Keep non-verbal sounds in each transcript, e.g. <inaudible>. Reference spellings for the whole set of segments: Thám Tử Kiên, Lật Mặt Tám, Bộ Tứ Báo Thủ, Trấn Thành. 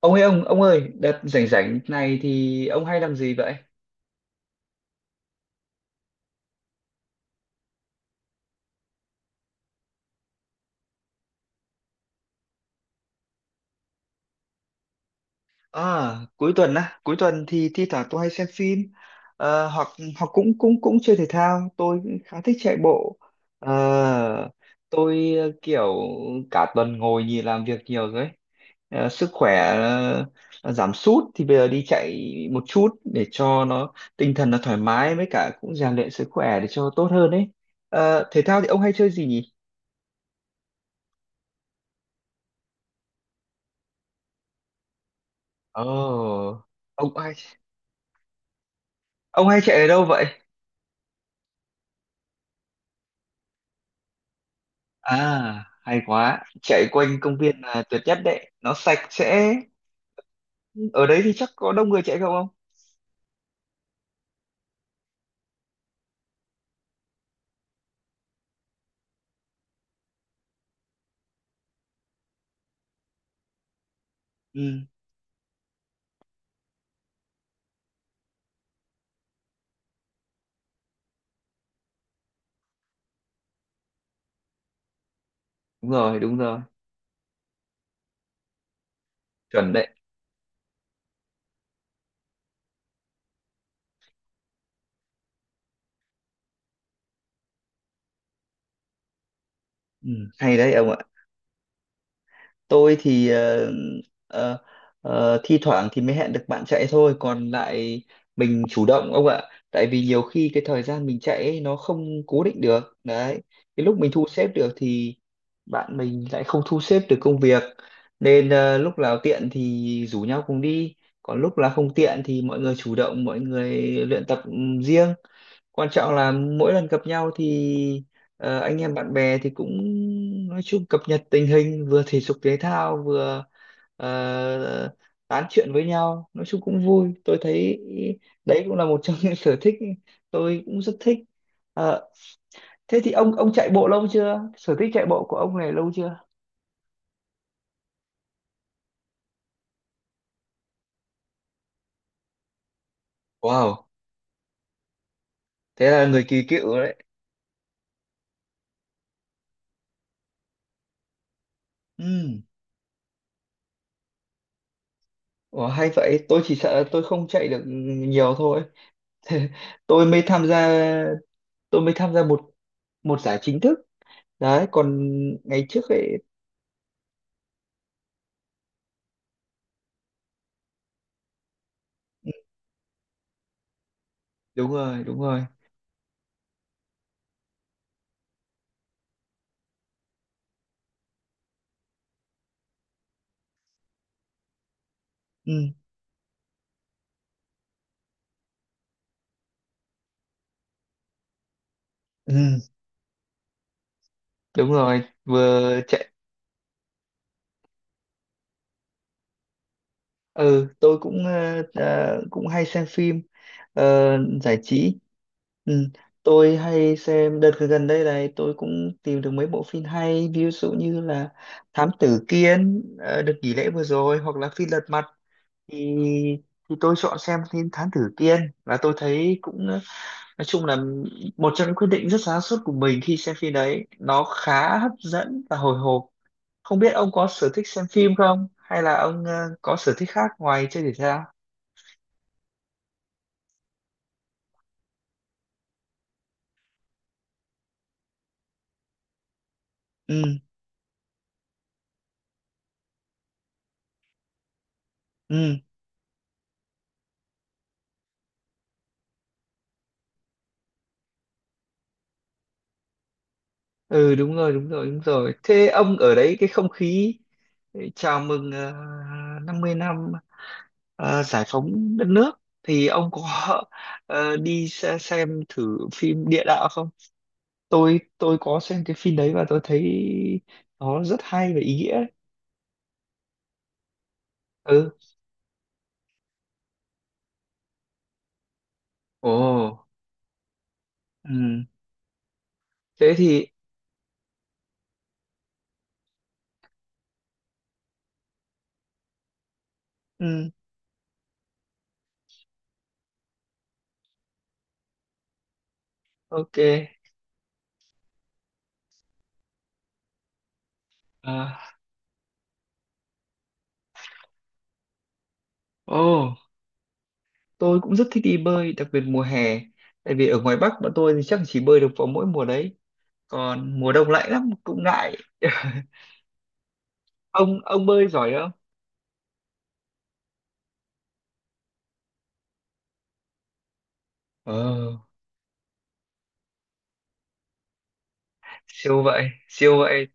Ông ơi, đợt rảnh rảnh này thì ông hay làm gì vậy? À, cuối tuần thì thi thoảng tôi hay xem phim, hoặc hoặc cũng cũng cũng chơi thể thao, tôi khá thích chạy bộ. Ờ, tôi, kiểu, cả tuần ngồi nhìn làm việc nhiều rồi ấy. Sức khỏe ờ, giảm sút thì bây giờ đi chạy một chút để cho nó tinh thần nó thoải mái, với cả cũng rèn luyện sức khỏe để cho tốt hơn ấy. Thể thao thì ông hay chơi gì nhỉ? Ồ, oh, ông hay Ông hay chạy ở đâu vậy? À, hay quá. Chạy quanh công viên là tuyệt nhất đấy. Nó sạch sẽ. Ở đấy thì chắc có đông người chạy không ông? Ừ, đúng rồi, đúng rồi. Chuẩn đấy. Ừ, hay đấy ông ạ. Tôi thì, ờ, thi thoảng thì mới hẹn được bạn chạy thôi, còn lại mình chủ động ông ạ. Tại vì nhiều khi cái thời gian mình chạy ấy, nó không cố định được đấy. Cái lúc mình thu xếp được thì bạn mình lại không thu xếp được công việc, nên, lúc nào tiện thì rủ nhau cùng đi, còn lúc là không tiện thì mọi người chủ động mọi người luyện tập. Ừ, riêng quan trọng là mỗi lần gặp nhau thì, anh em bạn bè thì cũng, nói chung, cập nhật tình hình, vừa thể dục thể thao, vừa, ờ, tán chuyện với nhau, nói chung cũng vui tôi thấy. Đấy cũng là một trong <laughs> những sở thích tôi cũng rất thích. Ờ, Thế thì ông chạy bộ lâu chưa, sở thích chạy bộ của ông này lâu chưa? Wow, thế là người kỳ cựu đấy. Ừ. Ủa, hay vậy, tôi chỉ sợ là tôi không chạy được nhiều thôi. <laughs> Tôi mới tham gia tôi mới tham gia một một giải chính thức đấy, còn ngày trước ấy. Đúng rồi, đúng rồi. Ừ, ừ, đúng rồi, vừa chạy. Ừ, tôi cũng, cũng hay xem phim, ờ, giải trí. Ừ, tôi hay xem đợt gần đây này, tôi cũng tìm được mấy bộ phim hay, ví dụ như là Thám Tử Kiên, đợt nghỉ lễ vừa rồi, hoặc là phim Lật Mặt, thì thì tôi chọn xem phim Thám Tử Kiên, và tôi thấy cũng, nói chung là một trong những quyết định rất sáng suốt của mình. Khi xem phim đấy, nó khá hấp dẫn và hồi hộp. Không biết ông có sở thích xem phim không, hay là ông, có sở thích khác ngoài chơi thể thao? Ừ, ừ, ừ, đúng rồi, đúng rồi, đúng rồi. Thế ông ở đấy, cái không khí, chào mừng, 50 năm giải phóng đất nước, thì ông có, xem thử phim Địa Đạo không? Tôi có xem cái phim đấy và tôi thấy nó rất hay và ý nghĩa. Ừ. Ồ, ừ. Thế thì, ừ, ok. À, ồ, tôi cũng rất thích đi bơi, đặc biệt mùa hè. Tại vì ở ngoài Bắc bọn tôi thì chắc chỉ bơi được vào mỗi mùa đấy. Còn mùa đông lạnh lắm, cũng ngại. <laughs> Ông bơi giỏi không? Ờ, siêu vậy, siêu vậy.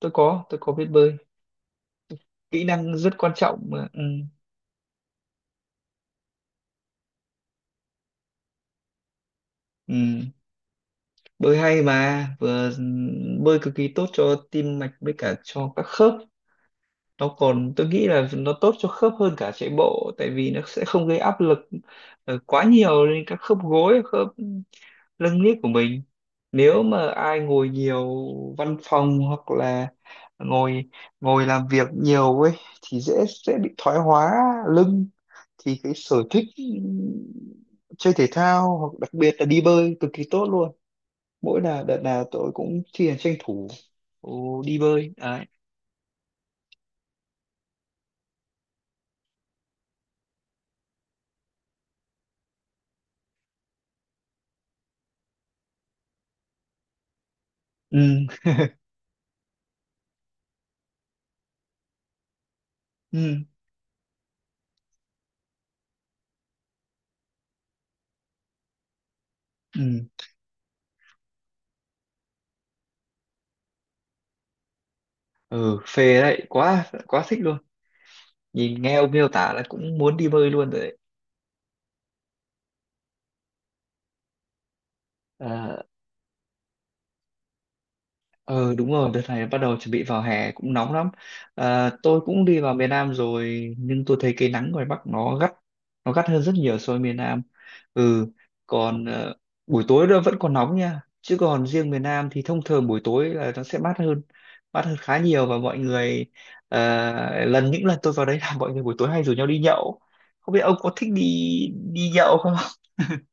Tôi có biết bơi. Kỹ năng rất quan trọng mà. Ừ, ừ. Bơi hay mà, vừa bơi cực kỳ tốt cho tim mạch, với cả cho các khớp. Nó còn, tôi nghĩ là nó tốt cho khớp hơn cả chạy bộ, tại vì nó sẽ không gây áp lực, quá nhiều lên các khớp gối, khớp lưng niết của mình. Nếu mà ai ngồi nhiều văn phòng, hoặc là ngồi ngồi làm việc nhiều ấy, thì dễ, dễ bị thoái hóa lưng, thì cái sở thích chơi thể thao, hoặc đặc biệt là đi bơi, cực kỳ tốt luôn. Mỗi là đợt nào tôi cũng thi hành, tranh thủ, ồ, đi bơi đấy. Ừ, ừ, ừ, ừ, phê đấy, quá quá thích luôn. Nhìn nghe ông miêu tả là cũng muốn đi bơi luôn rồi đấy. À, Ờ đúng rồi, đợt này bắt đầu chuẩn bị vào hè cũng nóng lắm. À, tôi cũng đi vào miền Nam rồi, nhưng tôi thấy cái nắng ngoài Bắc nó gắt hơn rất nhiều so với miền Nam. Ừ, còn, buổi tối nó vẫn còn nóng nha. Chứ còn riêng miền Nam thì thông thường buổi tối là nó sẽ mát hơn khá nhiều, và mọi người, ờ, lần những lần tôi vào đấy, là mọi người buổi tối hay rủ nhau đi nhậu. Không biết ông có thích đi đi nhậu không? <laughs>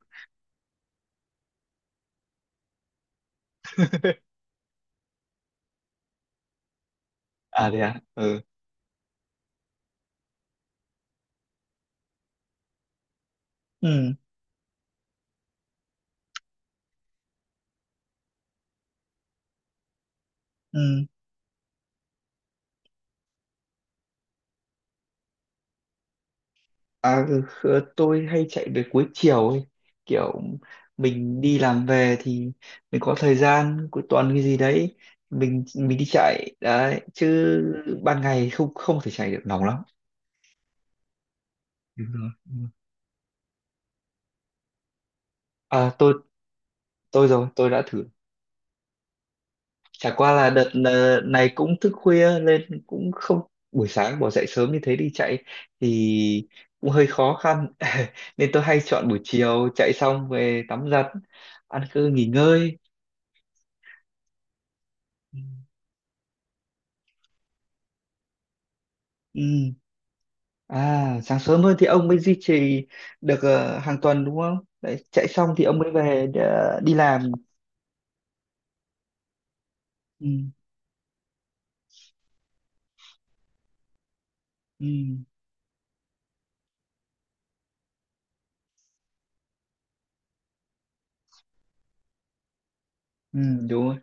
À thế à? Ừ. Ừ. Ừ. À, ừ, tôi hay chạy về cuối chiều ấy. Kiểu mình đi làm về thì mình có thời gian cuối tuần cái gì đấy, mình đi chạy đấy chứ. Ban ngày không không thể chạy được, nóng lắm. Đúng rồi, đúng rồi. À, tôi rồi, tôi đã thử. Chả qua là đợt, này cũng thức khuya, nên cũng không buổi sáng bỏ dậy sớm như thế đi chạy thì cũng hơi khó khăn. <laughs> Nên tôi hay chọn buổi chiều, chạy xong về tắm giặt, ăn cơm, nghỉ ngơi. Ừ. Ừ. À, sáng sớm hơn thì ông mới duy trì được, hàng tuần đúng không? Đấy, chạy xong thì ông mới về để, đi làm. Ừ, ừ, ừ, đúng rồi.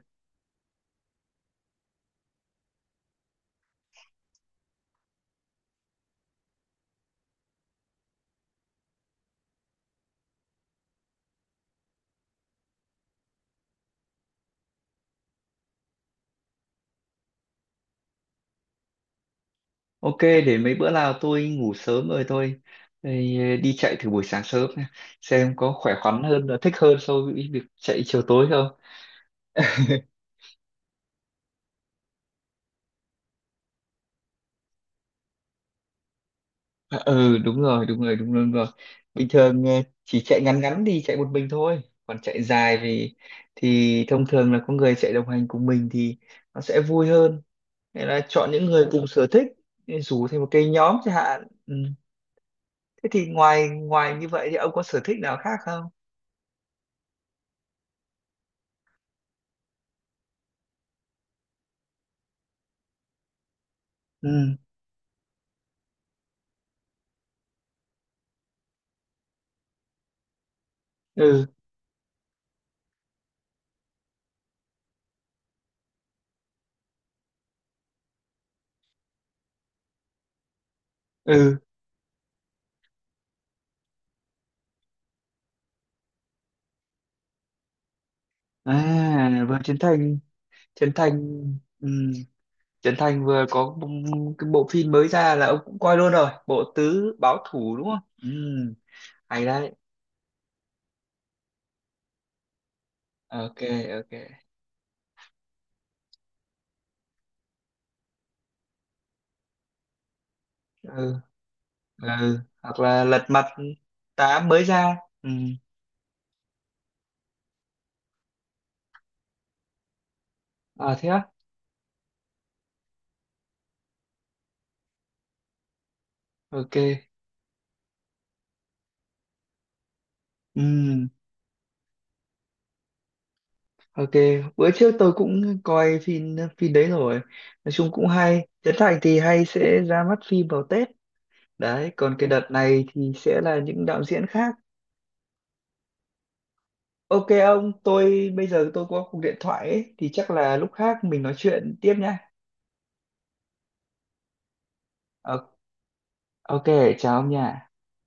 Ok, để mấy bữa nào tôi ngủ sớm rồi tôi thì, đi chạy thử buổi sáng sớm nha. Xem có khỏe khoắn hơn, và thích hơn so với việc chạy chiều tối không. À, ừ, đúng rồi, đúng rồi, đúng rồi, đúng rồi. Bình thường, chỉ chạy ngắn ngắn thì chạy một mình thôi. Còn chạy dài thì thông thường là có người chạy đồng hành cùng mình thì nó sẽ vui hơn. Nghĩa là chọn những người cùng sở thích, rủ thêm một cái nhóm chẳng hạn. Ừ. Thế thì ngoài ngoài như vậy thì ông có sở thích nào khác không? Ừ, ừ, ừ, à, vừa Trấn Thành. Trấn Thành ừ. Trấn Thành vừa có cái bộ phim mới ra là ông cũng coi luôn rồi, Bộ Tứ Báo Thủ, đúng không? Ừ, hay đấy. Ok, ok. Ừ, ừ, hoặc là Lật Mặt Tám mới ra. Ừ, à thế á. Ok. Ừ. Ok, bữa trước tôi cũng coi phim phim đấy rồi. Nói chung cũng hay. Trấn Thành thì hay sẽ ra mắt phim vào Tết. Đấy, còn cái đợt này thì sẽ là những đạo diễn khác. Ok ông, tôi bây giờ tôi có cuộc điện thoại ấy, thì chắc là lúc khác mình nói chuyện tiếp nha. Ờ, Ok, chào ông nha.